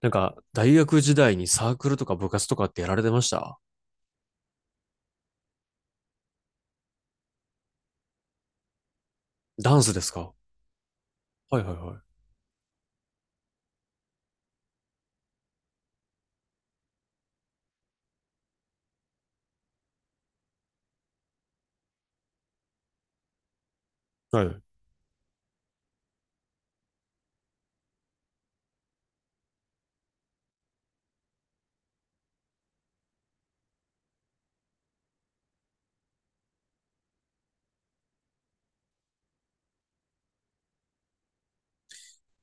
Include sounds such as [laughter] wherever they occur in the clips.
大学時代にサークルとか部活とかってやられてました？ダンスですか？はいはいはい。はい。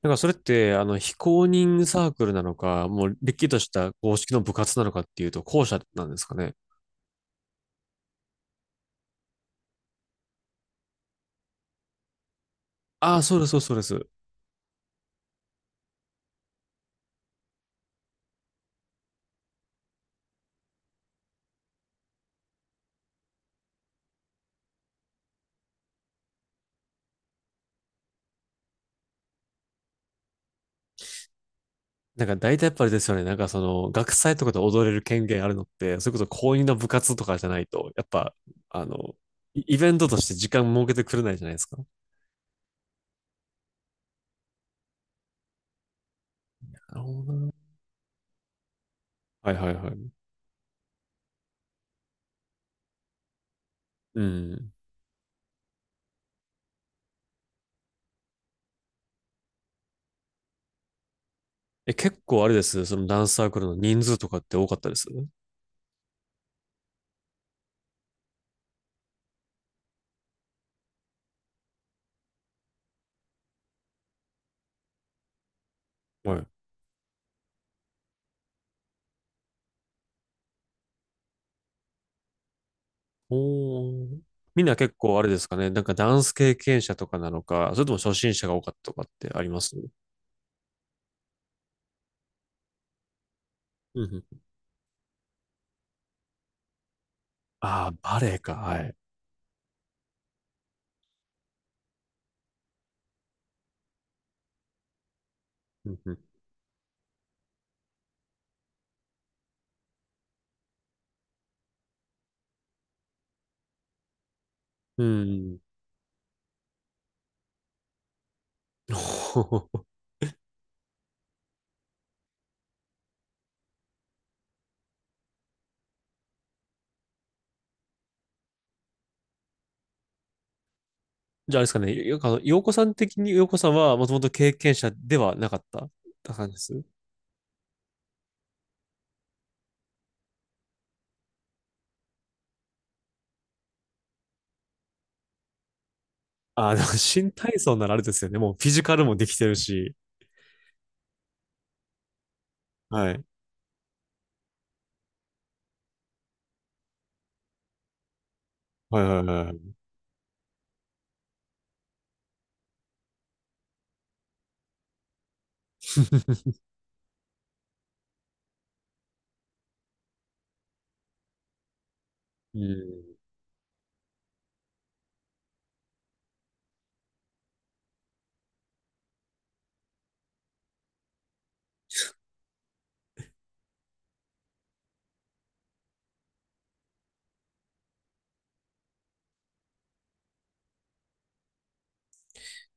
それって、非公認サークルなのか、もう、れっきとした公式の部活なのかっていうと、後者なんですかね。ああ、そうです、そうです、そうです。大体やっぱりですよね。その、学祭とかで踊れる権限あるのって、それこそ公認の部活とかじゃないと、やっぱ、あの、イイベントとして時間設けてくれないじゃないですか。なるほどな。はいはいはい。うん。え、結構あれです。そのダンスサークルの人数とかって多かったです？はい。おー。みんな結構あれですかね。ダンス経験者とかなのか、それとも初心者が多かったとかってあります？うんうん。ああ、バレエか。はい。うんうん。うんうん。 [laughs] じゃああれですかね。よくあの洋子さん的に洋子さんはもともと経験者ではなかったって感じです？ああ、でも新体操ならあれですよね。もうフィジカルもできてるし。はい。はいはいはいはい。[laughs] うん。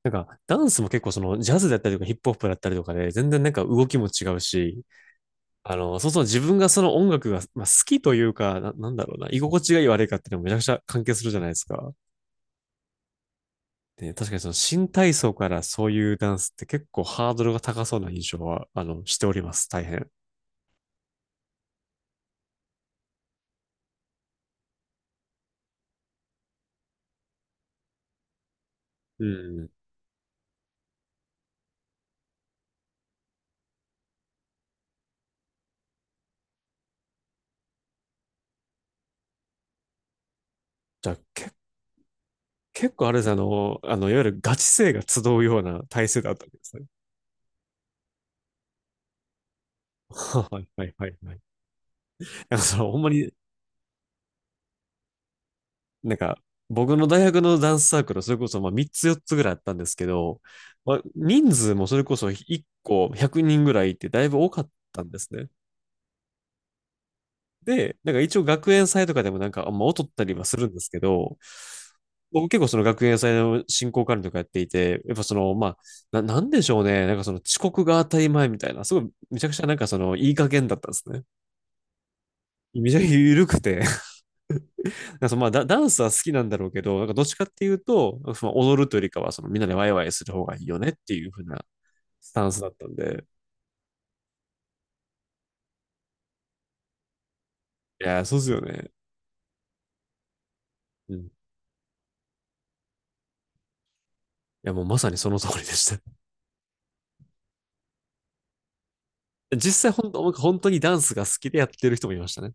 ダンスも結構その、ジャズだったりとかヒップホップだったりとかで、全然動きも違うし、そうそう自分がその音楽が、まあ、好きというか、なんだろうな、居心地がいい悪いかっていうのもめちゃくちゃ関係するじゃないですか。で、確かにその新体操からそういうダンスって結構ハードルが高そうな印象は、しております。大変。うん。じゃあ、け、結構あれですね、あの、いわゆるガチ勢が集うような体制だったわけですね。[laughs] はいはいはいはい。ほんまになんか、僕の大学のダンスサークル、それこそまあ3つ4つぐらいあったんですけど、まあ、人数もそれこそ1個100人ぐらいってだいぶ多かったんですね。で、一応学園祭とかでもまあ、劣ったりはするんですけど、僕結構その学園祭の進行管理とかやっていて、やっぱその、まあ、なんでしょうね。その遅刻が当たり前みたいな、すごいめちゃくちゃそのいい加減だったんですね。めちゃくちゃ緩くてそのまあダンスは好きなんだろうけど、どっちかっていうと、その踊るというよりかは、そのみんなでワイワイする方がいいよねっていう風なスタンスだったんで、いやー、そうですよね。うん。いや、もうまさにその通りでした。[laughs] 実際本当、僕本当にダンスが好きでやってる人もいましたね。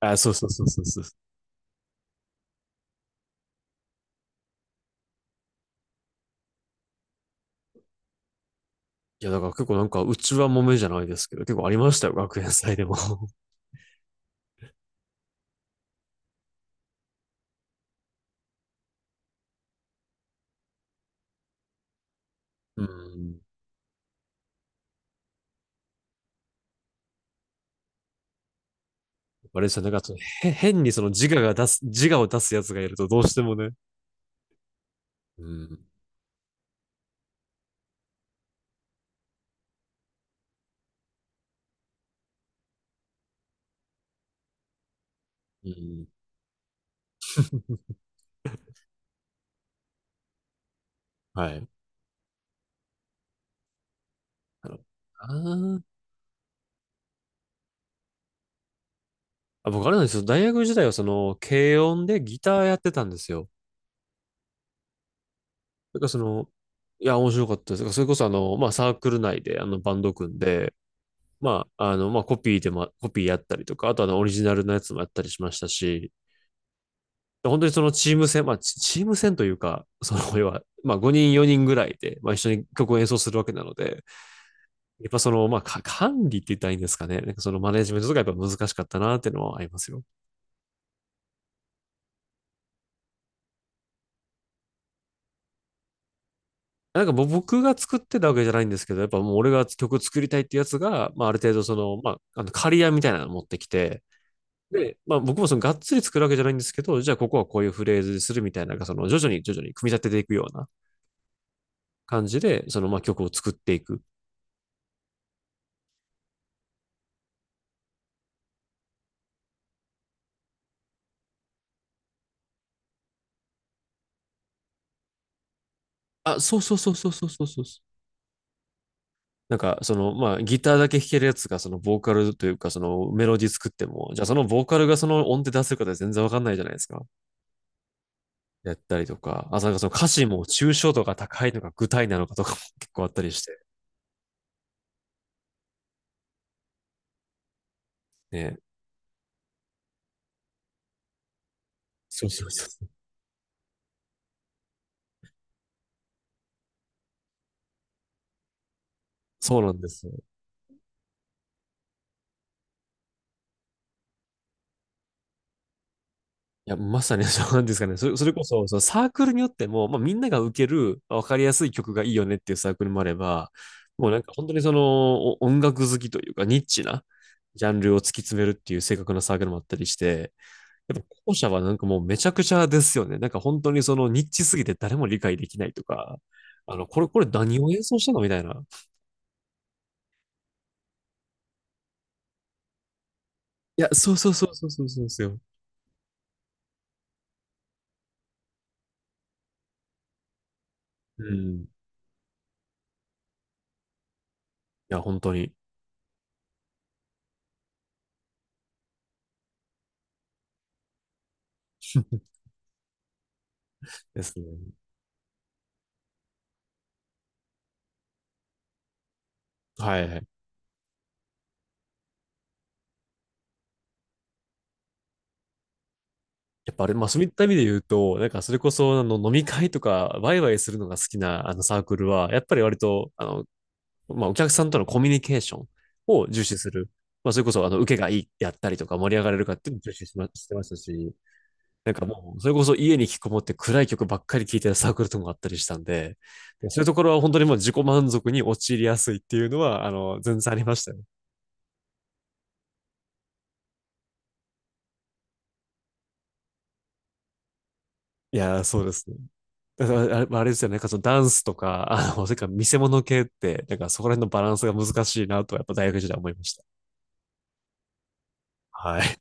あ、そうそうそうそうそう。いや、だから結構なんか、うちは揉めじゃないですけど、結構ありましたよ、学園祭でも。[laughs] うん。あれですよね、ちょっと変にその自我を出すやつがいるとどうしてもね。うん。うん。はい。あの、あー僕あれなんですよ。大学時代はその、軽音でギターやってたんですよ。だからその、いや、面白かったです。それこそあの、まあサークル内であのバンド組んで、まあ、あの、コピーやったりとか、あとあのオリジナルのやつもやったりしましたし、本当にそのチーム戦、まあチーム戦というか、その、要は、まあ5人4人ぐらいで、まあ一緒に曲を演奏するわけなので、やっぱその、まあ、管理って言ったらいいんですかね。そのマネジメントとかやっぱ難しかったなっていうのはありますよ。もう僕が作ってたわけじゃないんですけど、やっぱもう俺が曲作りたいってやつが、まあ、ある程度その、まあ、あの、刈り屋みたいなの持ってきて、で、まあ僕もそのがっつり作るわけじゃないんですけど、じゃあここはこういうフレーズにするみたいな、その徐々に組み立てていくような感じで、そのまあ曲を作っていく。あ、そうそうそうそうそうそうそう。なんか、その、まあ、ギターだけ弾けるやつが、その、ボーカルというか、その、メロディ作っても、じゃあ、そのボーカルがその音程出せるかって全然わかんないじゃないですか。やったりとか、あ、その歌詞も抽象度が高いのか具体なのかとかも結構あったりして、ね。そうそうそうそう。そうなんですよ。いや、まさにそうなんですかね。それ、それこそ、そのサークルによっても、まあ、みんなが受ける、わかりやすい曲がいいよねっていうサークルもあれば、もう本当にその、音楽好きというか、ニッチなジャンルを突き詰めるっていう正確なサークルもあったりして、やっぱ後者はもうめちゃくちゃですよね。本当にそのニッチすぎて誰も理解できないとか、これ何を演奏したのみたいな。いや、そうそうそうそうそうそうですよ。うん。いや、本当に。[laughs] ですね。はいはい。やっぱあれ、まあそういった意味で言うと、それこそあの飲み会とかワイワイするのが好きなあのサークルは、やっぱり割と、あの、まあお客さんとのコミュニケーションを重視する。まあそれこそあの受けがいいであったりとか盛り上がれるかっていうのを重視しましてましたし、なんかもう、それこそ家に引きこもって暗い曲ばっかり聴いてたサークルとかもあったりしたんで、でそういうところは本当にもう自己満足に陥りやすいっていうのは、全然ありましたよ。いやー、そうですね。だからあれですよね。そのダンスとか、[laughs] それから見せ物系って、そこら辺のバランスが難しいなとはやっぱ大学時代思いました。はい。